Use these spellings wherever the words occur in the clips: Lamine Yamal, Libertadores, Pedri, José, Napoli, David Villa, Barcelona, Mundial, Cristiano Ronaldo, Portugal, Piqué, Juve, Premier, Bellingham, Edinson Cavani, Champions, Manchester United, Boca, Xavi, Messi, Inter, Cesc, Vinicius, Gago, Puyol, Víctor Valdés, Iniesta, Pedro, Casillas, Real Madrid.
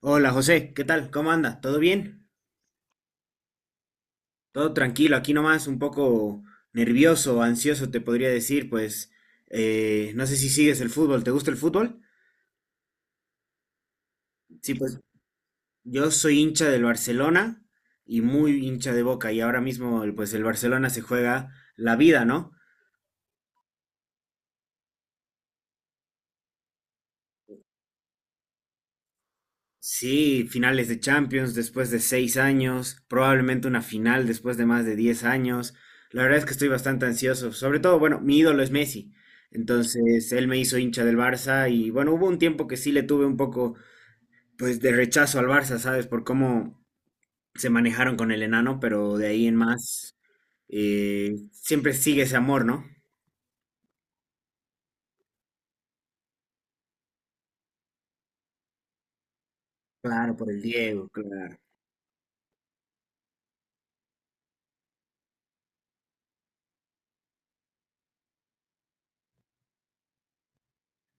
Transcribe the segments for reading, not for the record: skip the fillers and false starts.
Hola José, ¿qué tal? ¿Cómo anda? ¿Todo bien? Todo tranquilo, aquí nomás un poco nervioso, ansioso te podría decir, pues no sé si sigues el fútbol, ¿te gusta el fútbol? Sí, pues yo soy hincha del Barcelona y muy hincha de Boca y ahora mismo pues el Barcelona se juega la vida, ¿no? Sí, finales de Champions después de 6 años, probablemente una final después de más de 10 años. La verdad es que estoy bastante ansioso. Sobre todo, bueno, mi ídolo es Messi. Entonces, él me hizo hincha del Barça y bueno, hubo un tiempo que sí le tuve un poco, pues, de rechazo al Barça, ¿sabes? Por cómo se manejaron con el enano, pero de ahí en más, siempre sigue ese amor, ¿no? Claro, por el Diego, claro.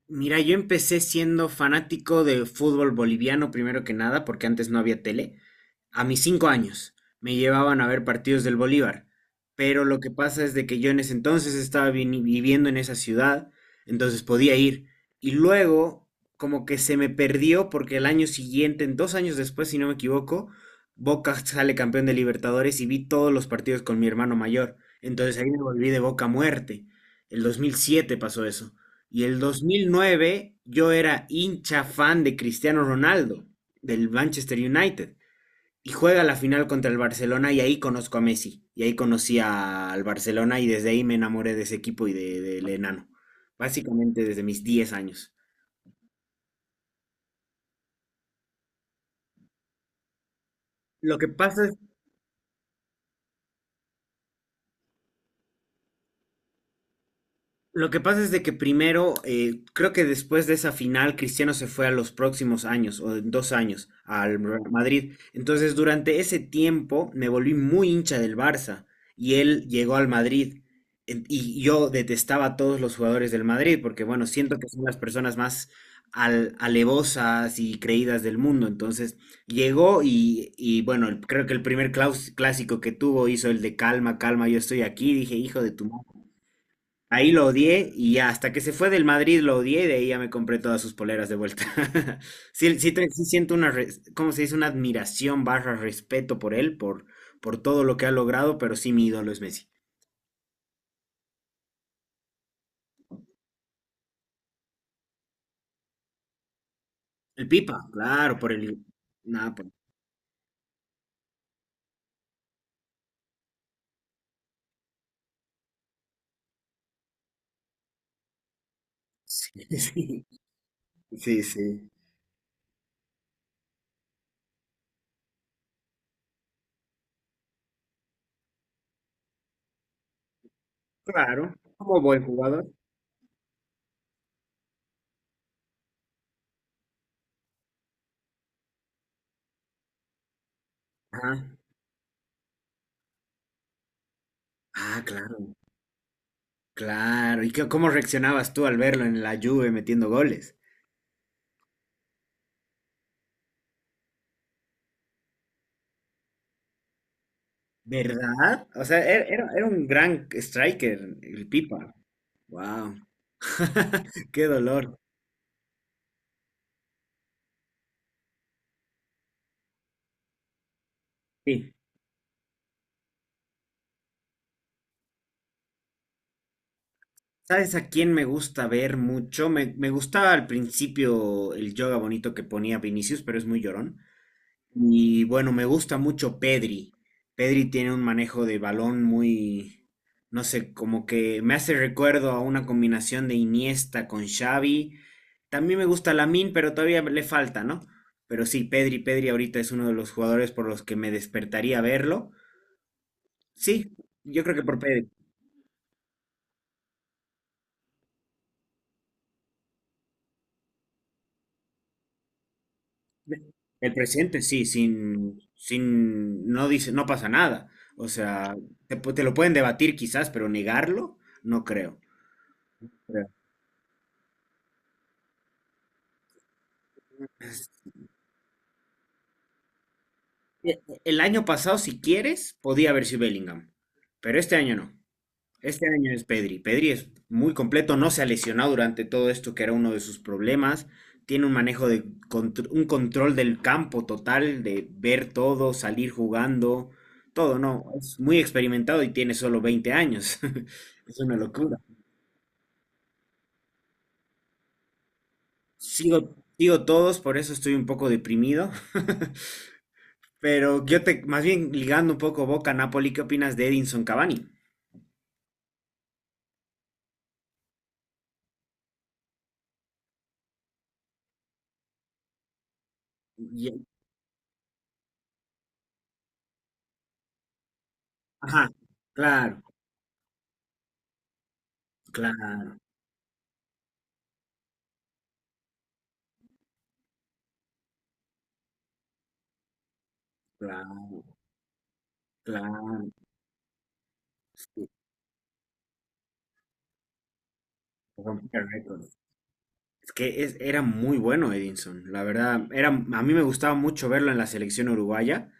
Mira, yo empecé siendo fanático de fútbol boliviano primero que nada, porque antes no había tele. A mis 5 años me llevaban a ver partidos del Bolívar, pero lo que pasa es de que yo en ese entonces estaba viviendo en esa ciudad, entonces podía ir. Y luego, como que se me perdió porque el año siguiente, en 2 años después, si no me equivoco, Boca sale campeón de Libertadores y vi todos los partidos con mi hermano mayor. Entonces ahí me volví de Boca a muerte. El 2007 pasó eso. Y el 2009 yo era hincha fan de Cristiano Ronaldo, del Manchester United. Y juega la final contra el Barcelona y ahí conozco a Messi. Y ahí conocí al Barcelona y desde ahí me enamoré de ese equipo y del enano. Básicamente desde mis 10 años. Lo que pasa es Lo que pasa es de que primero, creo que después de esa final, Cristiano se fue a los próximos años, o en 2 años, al Real Madrid. Entonces, durante ese tiempo me volví muy hincha del Barça y él llegó al Madrid. Y yo detestaba a todos los jugadores del Madrid porque, bueno, siento que son las personas más alevosas y creídas del mundo. Entonces, llegó bueno, creo que el primer clásico que tuvo hizo el de calma, calma, yo estoy aquí. Dije, hijo de tu madre. Ahí lo odié y ya, hasta que se fue del Madrid lo odié y de ahí ya me compré todas sus poleras de vuelta. Sí, sí, sí siento una, ¿cómo se dice? Una admiración barra respeto por él, por todo lo que ha logrado, pero sí mi ídolo es Messi. El Pipa, claro, por el... Nada, por... Sí, sí, sí, sí. Claro, como buen jugador. Ajá. Ah, claro, claro. ¿Y cómo reaccionabas tú al verlo en la Juve metiendo goles? ¿Verdad? O sea, era un gran striker, el Pipa. Wow. Qué dolor. Sí. ¿Sabes a quién me gusta ver mucho? Me gustaba al principio el yoga bonito que ponía Vinicius, pero es muy llorón. Y bueno, me gusta mucho Pedri. Pedri tiene un manejo de balón muy, no sé, como que me hace recuerdo a una combinación de Iniesta con Xavi. También me gusta Lamine, pero todavía le falta, ¿no? Pero sí, Pedri, Pedri ahorita es uno de los jugadores por los que me despertaría verlo. Sí, yo creo que por Pedri. El presente, sí, sin, sin, no dice, no pasa nada. O sea, te lo pueden debatir quizás, pero negarlo, no creo. O el año pasado, si quieres, podía haber sido Bellingham, pero este año no. Este año es Pedri. Pedri es muy completo, no se ha lesionado durante todo esto, que era uno de sus problemas. Tiene un manejo de un control del campo total, de ver todo, salir jugando, todo, no. Es muy experimentado y tiene solo 20 años. Es una locura. Sigo, sigo todos, por eso estoy un poco deprimido. Pero más bien ligando un poco Boca a Napoli, ¿qué opinas de Edinson Cavani? Y- Ajá, claro, claro, claro, claro. Romper récords. Es que era muy bueno Edinson, la verdad, era, a mí me gustaba mucho verlo en la selección uruguaya,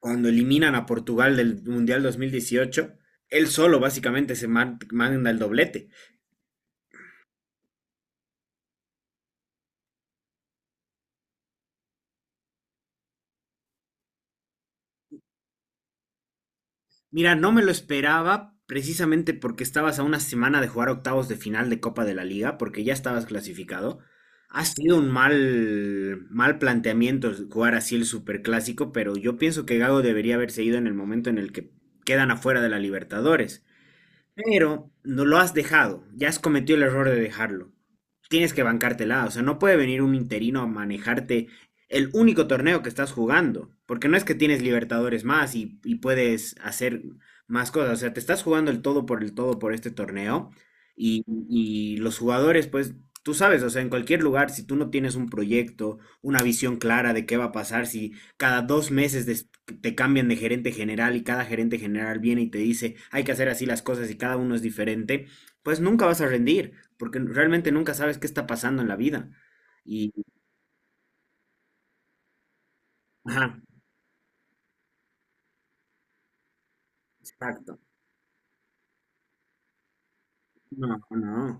cuando eliminan a Portugal del Mundial 2018, él solo básicamente se manda el doblete. Mira, no me lo esperaba precisamente porque estabas a una semana de jugar octavos de final de Copa de la Liga, porque ya estabas clasificado. Ha sido un mal, mal planteamiento jugar así el superclásico, pero yo pienso que Gago debería haberse ido en el momento en el que quedan afuera de la Libertadores. Pero no lo has dejado, ya has cometido el error de dejarlo. Tienes que bancártela, o sea, no puede venir un interino a manejarte el único torneo que estás jugando, porque no es que tienes Libertadores más y puedes hacer más cosas, o sea, te estás jugando el todo por este torneo y los jugadores, pues, tú sabes, o sea, en cualquier lugar, si tú no tienes un proyecto, una visión clara de qué va a pasar, si cada 2 meses te cambian de gerente general y cada gerente general viene y te dice hay que hacer así las cosas y cada uno es diferente, pues nunca vas a rendir, porque realmente nunca sabes qué está pasando en la vida. Y, ajá, exacto. No, no.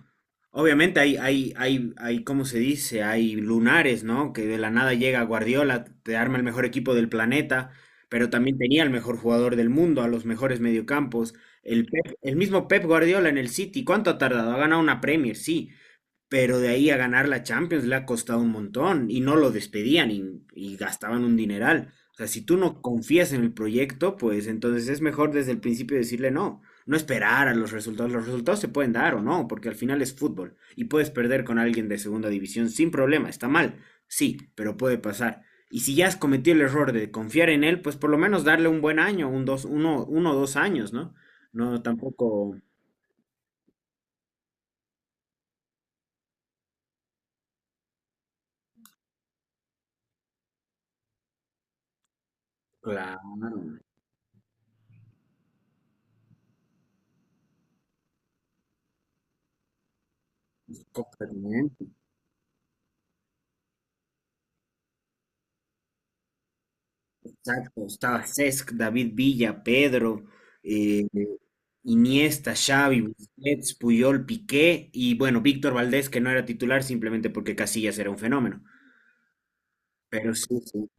Obviamente hay, ¿cómo se dice? Hay lunares, ¿no? Que de la nada llega Guardiola, te arma el mejor equipo del planeta, pero también tenía el mejor jugador del mundo, a los mejores mediocampos. El mismo Pep Guardiola en el City, ¿cuánto ha tardado? Ha ganado una Premier, sí, pero de ahí a ganar la Champions le ha costado un montón y no lo despedían gastaban un dineral. O sea, si tú no confías en el proyecto, pues entonces es mejor desde el principio decirle no, no esperar a los resultados. Los resultados se pueden dar o no, porque al final es fútbol y puedes perder con alguien de segunda división sin problema, está mal, sí, pero puede pasar. Y si ya has cometido el error de confiar en él, pues por lo menos darle un buen año, uno o dos años, ¿no? No tampoco la claro. Exacto, estaba Cesc, David Villa, Pedro, eh, Iniesta, Xavi, Busquets, Puyol, Piqué y bueno, Víctor Valdés, que no era titular simplemente porque Casillas era un fenómeno. Pero sí, sí.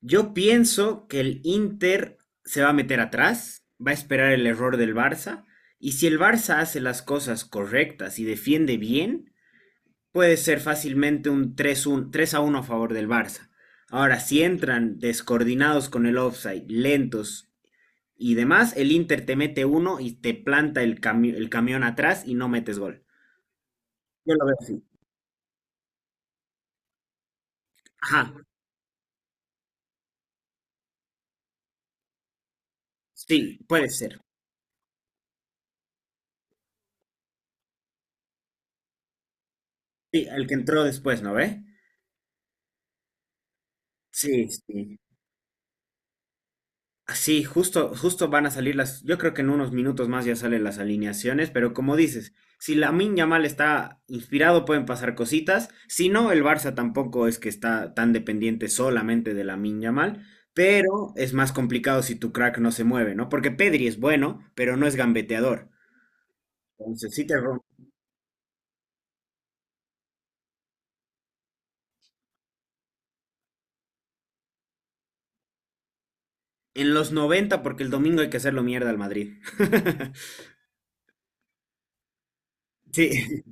Yo pienso que el Inter se va a meter atrás, va a esperar el error del Barça y si el Barça hace las cosas correctas y defiende bien, puede ser fácilmente un 3 a uno a favor del Barça. Ahora, si entran descoordinados con el offside, lentos, y demás, el Inter te mete uno y te planta el camión atrás y no metes gol. Yo lo veo así. Ajá, sí, puede ser. Sí, el que entró después, ¿no ve? Sí, sí. Sí, justo, justo van a salir las. Yo creo que en unos minutos más ya salen las alineaciones, pero como dices, si Lamine Yamal está inspirado, pueden pasar cositas. Si no, el Barça tampoco es que está tan dependiente solamente de Lamine Yamal, pero es más complicado si tu crack no se mueve, ¿no? Porque Pedri es bueno, pero no es gambeteador. Entonces, sí, en los 90 porque el domingo hay que hacerlo mierda al Madrid. Sí.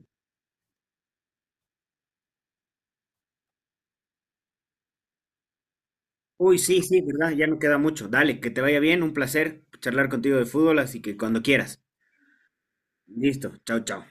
Uy, sí, sí, ¿verdad? Ya no queda mucho. Dale, que te vaya bien. Un placer charlar contigo de fútbol, así que cuando quieras. Listo. Chao, chao.